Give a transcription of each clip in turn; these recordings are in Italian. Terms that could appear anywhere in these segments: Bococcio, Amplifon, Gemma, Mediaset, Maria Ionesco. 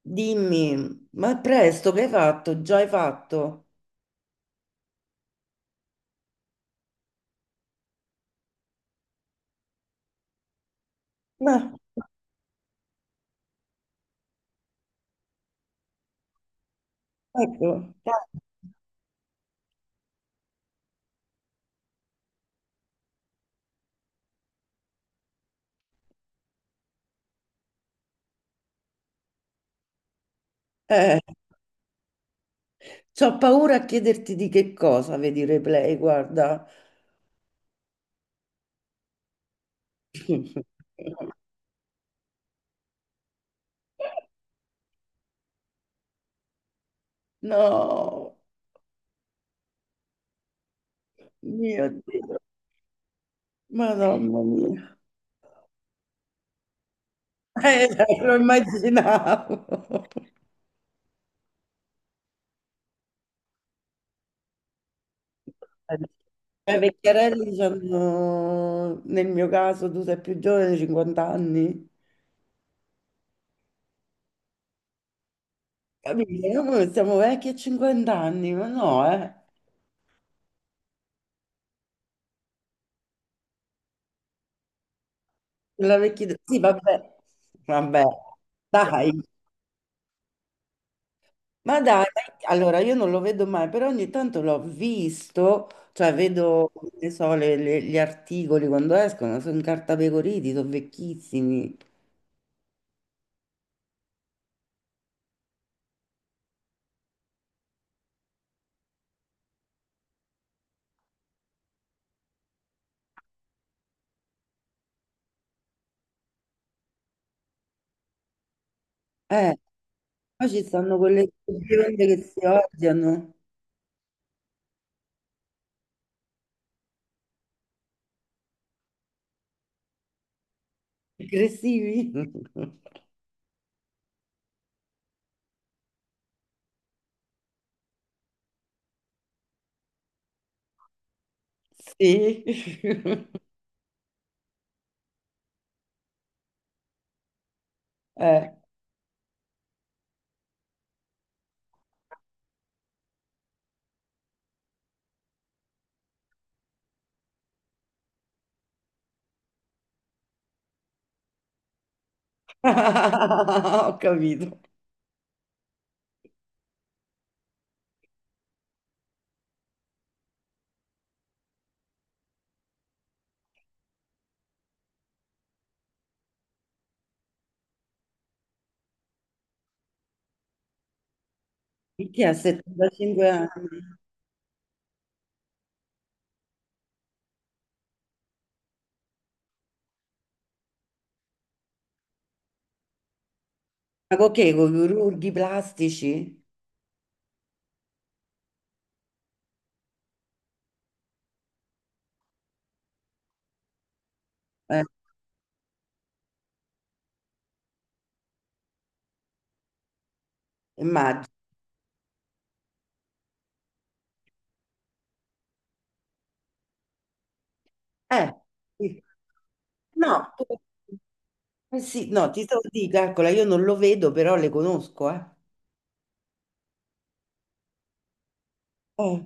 Dimmi, ma presto che hai fatto? Già hai fatto? Ma ecco, eh, c'ho paura a chiederti di che cosa, vedi il replay, guarda. No, mio Dio, Madonna mia. Eh, lo immaginavo. I vecchiarelli hanno, nel mio caso, tu sei più giovane, 50 anni. Capito? Noi siamo vecchi a 50 anni, ma no, eh. La vecchia... Sì, vabbè, vabbè, dai. Ma dai, allora io non lo vedo mai, però ogni tanto l'ho visto, cioè vedo, ne so, gli articoli quando escono, sono incartapecoriti, sono vecchissimi. Eh, poi ci stanno quelle bionde che si odiano, aggressivi. Sì. Eh. Ho capito. Chi ha 75 anni? Ma con che? Con i chirurghi plastici? Eh, immagino. Eh, sì. no, tu- eh sì, no, ti devo dire, calcola, io non lo vedo, però le conosco, eh. Eh,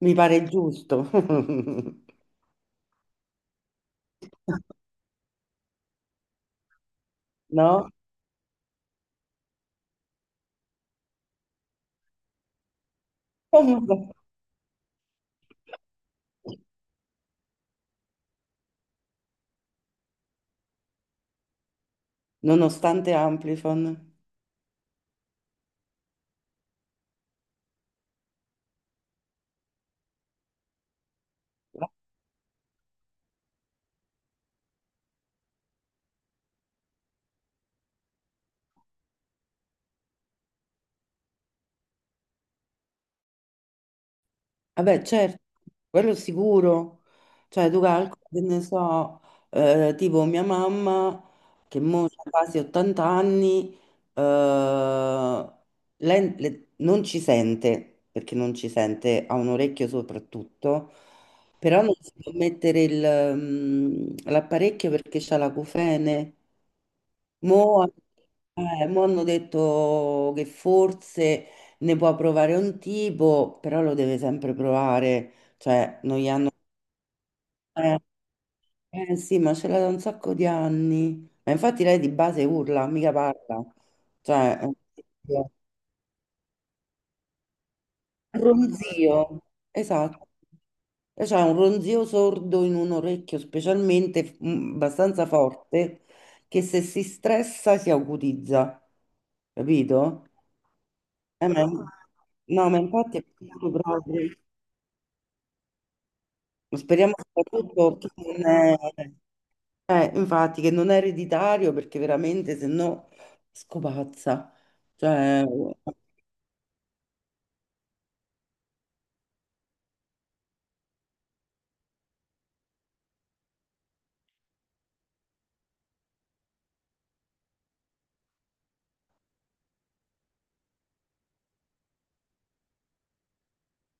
mi pare giusto. No? Comunque, nonostante Amplifon. Vabbè, certo, quello sicuro. Cioè, tu calcoli, che ne so, tipo mia mamma, che mo ha quasi 80 anni, eh, lei non ci sente, perché non ci sente, ha un orecchio soprattutto, però non si può mettere il, l'apparecchio perché c'ha l'acufene. Mo, mo hanno detto che forse ne può provare un tipo, però lo deve sempre provare, cioè non gli hanno... Eh, sì, ma ce l'ha da un sacco di anni. Ma infatti lei di base urla, mica parla. Cioè, eh, ronzio, esatto. E c'è un ronzio sordo in un orecchio specialmente abbastanza forte che se si stressa si acutizza, capito? Ma- no, ma infatti è peccato proprio. Speriamo soprattutto che non è, infatti, che non è ereditario perché veramente se no scopazza. Cioè,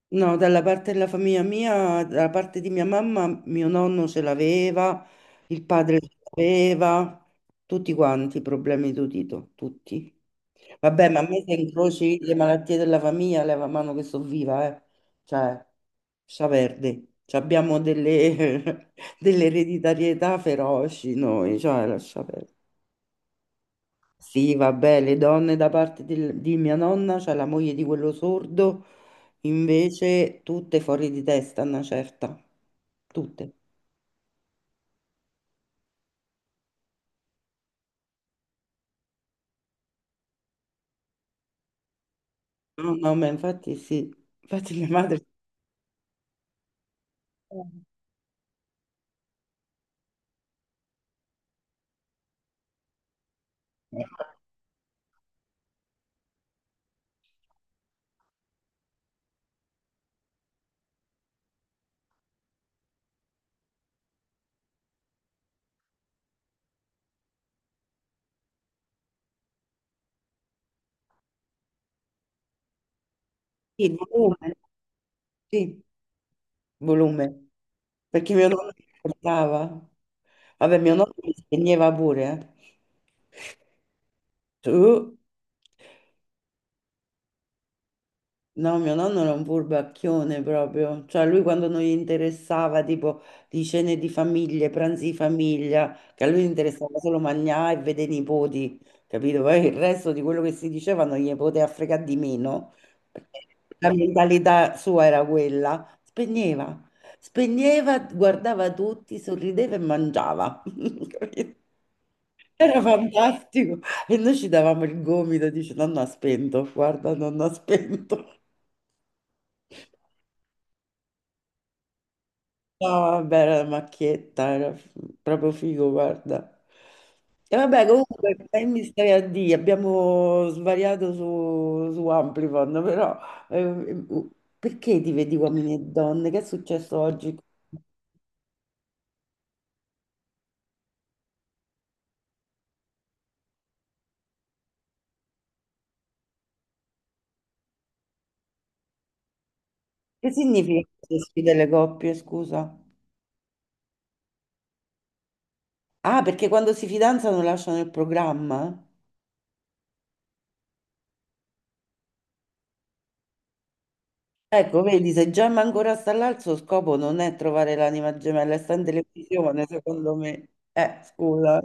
no, dalla parte della famiglia mia, dalla parte di mia mamma, mio nonno ce l'aveva, il padre ce l'aveva, tutti quanti i problemi d'udito, tutti. Vabbè, ma a me se incroci le malattie della famiglia, leva mano che sto viva, eh. Cioè, sta verde. Ci abbiamo delle, delle ereditarietà feroci noi, cioè, lascia perdere. Sì, vabbè, le donne da parte di mia nonna, cioè la moglie di quello sordo, invece tutte fuori di testa, una certa, tutte. No, no, ma infatti sì, infatti mia madre, sì, volume, sì, volume, perché mio nonno mi portava. Vabbè, mio nonno mi spegneva pure, eh. Tu? No, mio nonno era un furbacchione proprio, cioè lui quando non gli interessava tipo di cene di famiglie, pranzi di famiglia, che a lui interessava solo mangiare e vedere i nipoti, capito? Poi il resto di quello che si diceva non gli poteva fregare di meno, perché la mentalità sua era quella, spegneva, spegneva, guardava tutti, sorrideva e mangiava, capito? Era fantastico e noi ci davamo il gomito, dice nonno ha spento, guarda nonno ha spento. No, vabbè, era la macchietta, proprio figo, guarda. E vabbè, comunque, che mi stai a dire? Abbiamo svariato su Amplifon, però eh, perché ti vedi uomini e donne? Che è successo oggi? Che significa queste sfide delle coppie, scusa? Ah, perché quando si fidanzano lasciano il programma? Ecco, vedi, se Gemma ancora sta là, il suo scopo non è trovare l'anima gemella, è sta in televisione, secondo me. Scusa.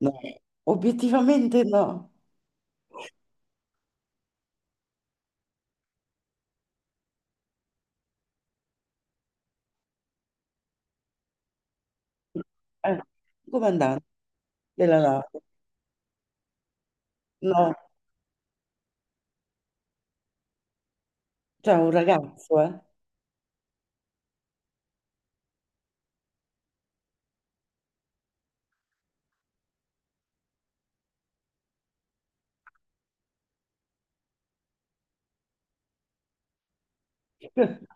No, obiettivamente no. Eh, comandante della nave. No, c'è un ragazzo, eh.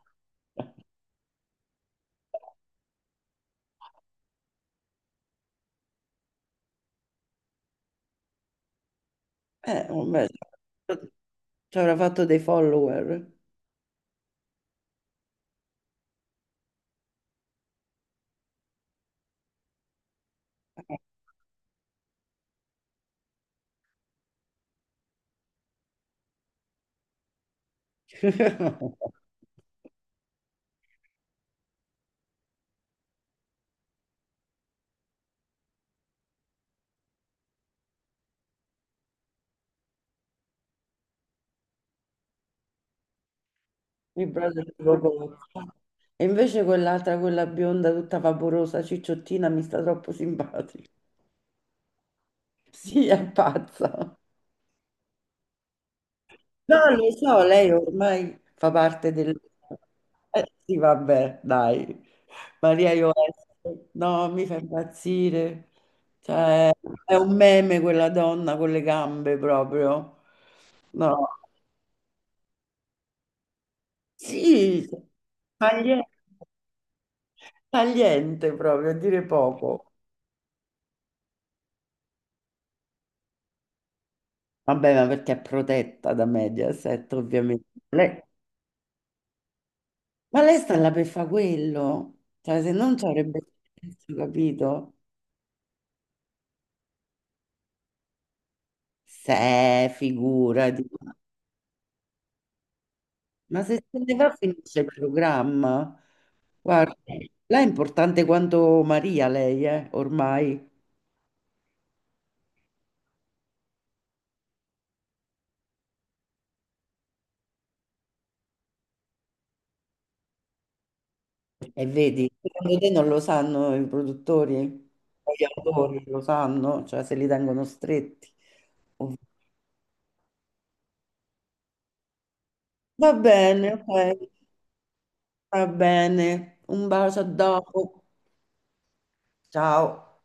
Vabbè, ci avrà fatto dei follower. Il brother di Bococcio. E invece quell'altra, quella bionda tutta vaporosa, cicciottina, mi sta troppo simpatica. Sì, è pazza. No, lo so, lei ormai fa parte del... sì, vabbè, dai. Maria Ionesco, no, mi fa impazzire. Cioè, è un meme quella donna con le gambe proprio. No, sì, tagliente, tagliente proprio, a dire poco. Vabbè, ma perché è protetta da Mediaset, ovviamente. Lei- ma lei sta là per fare quello. Cioè, se non ci avrebbe senso, capito? Se, figurati. Ma se se ne va finisce il programma. Guarda, lei è importante quanto Maria, lei, ormai. E vedi, secondo te non lo sanno i produttori? Gli autori lo sanno, cioè se li tengono stretti. Ov- va bene, ok, va bene. Un bacio a dopo. Ciao.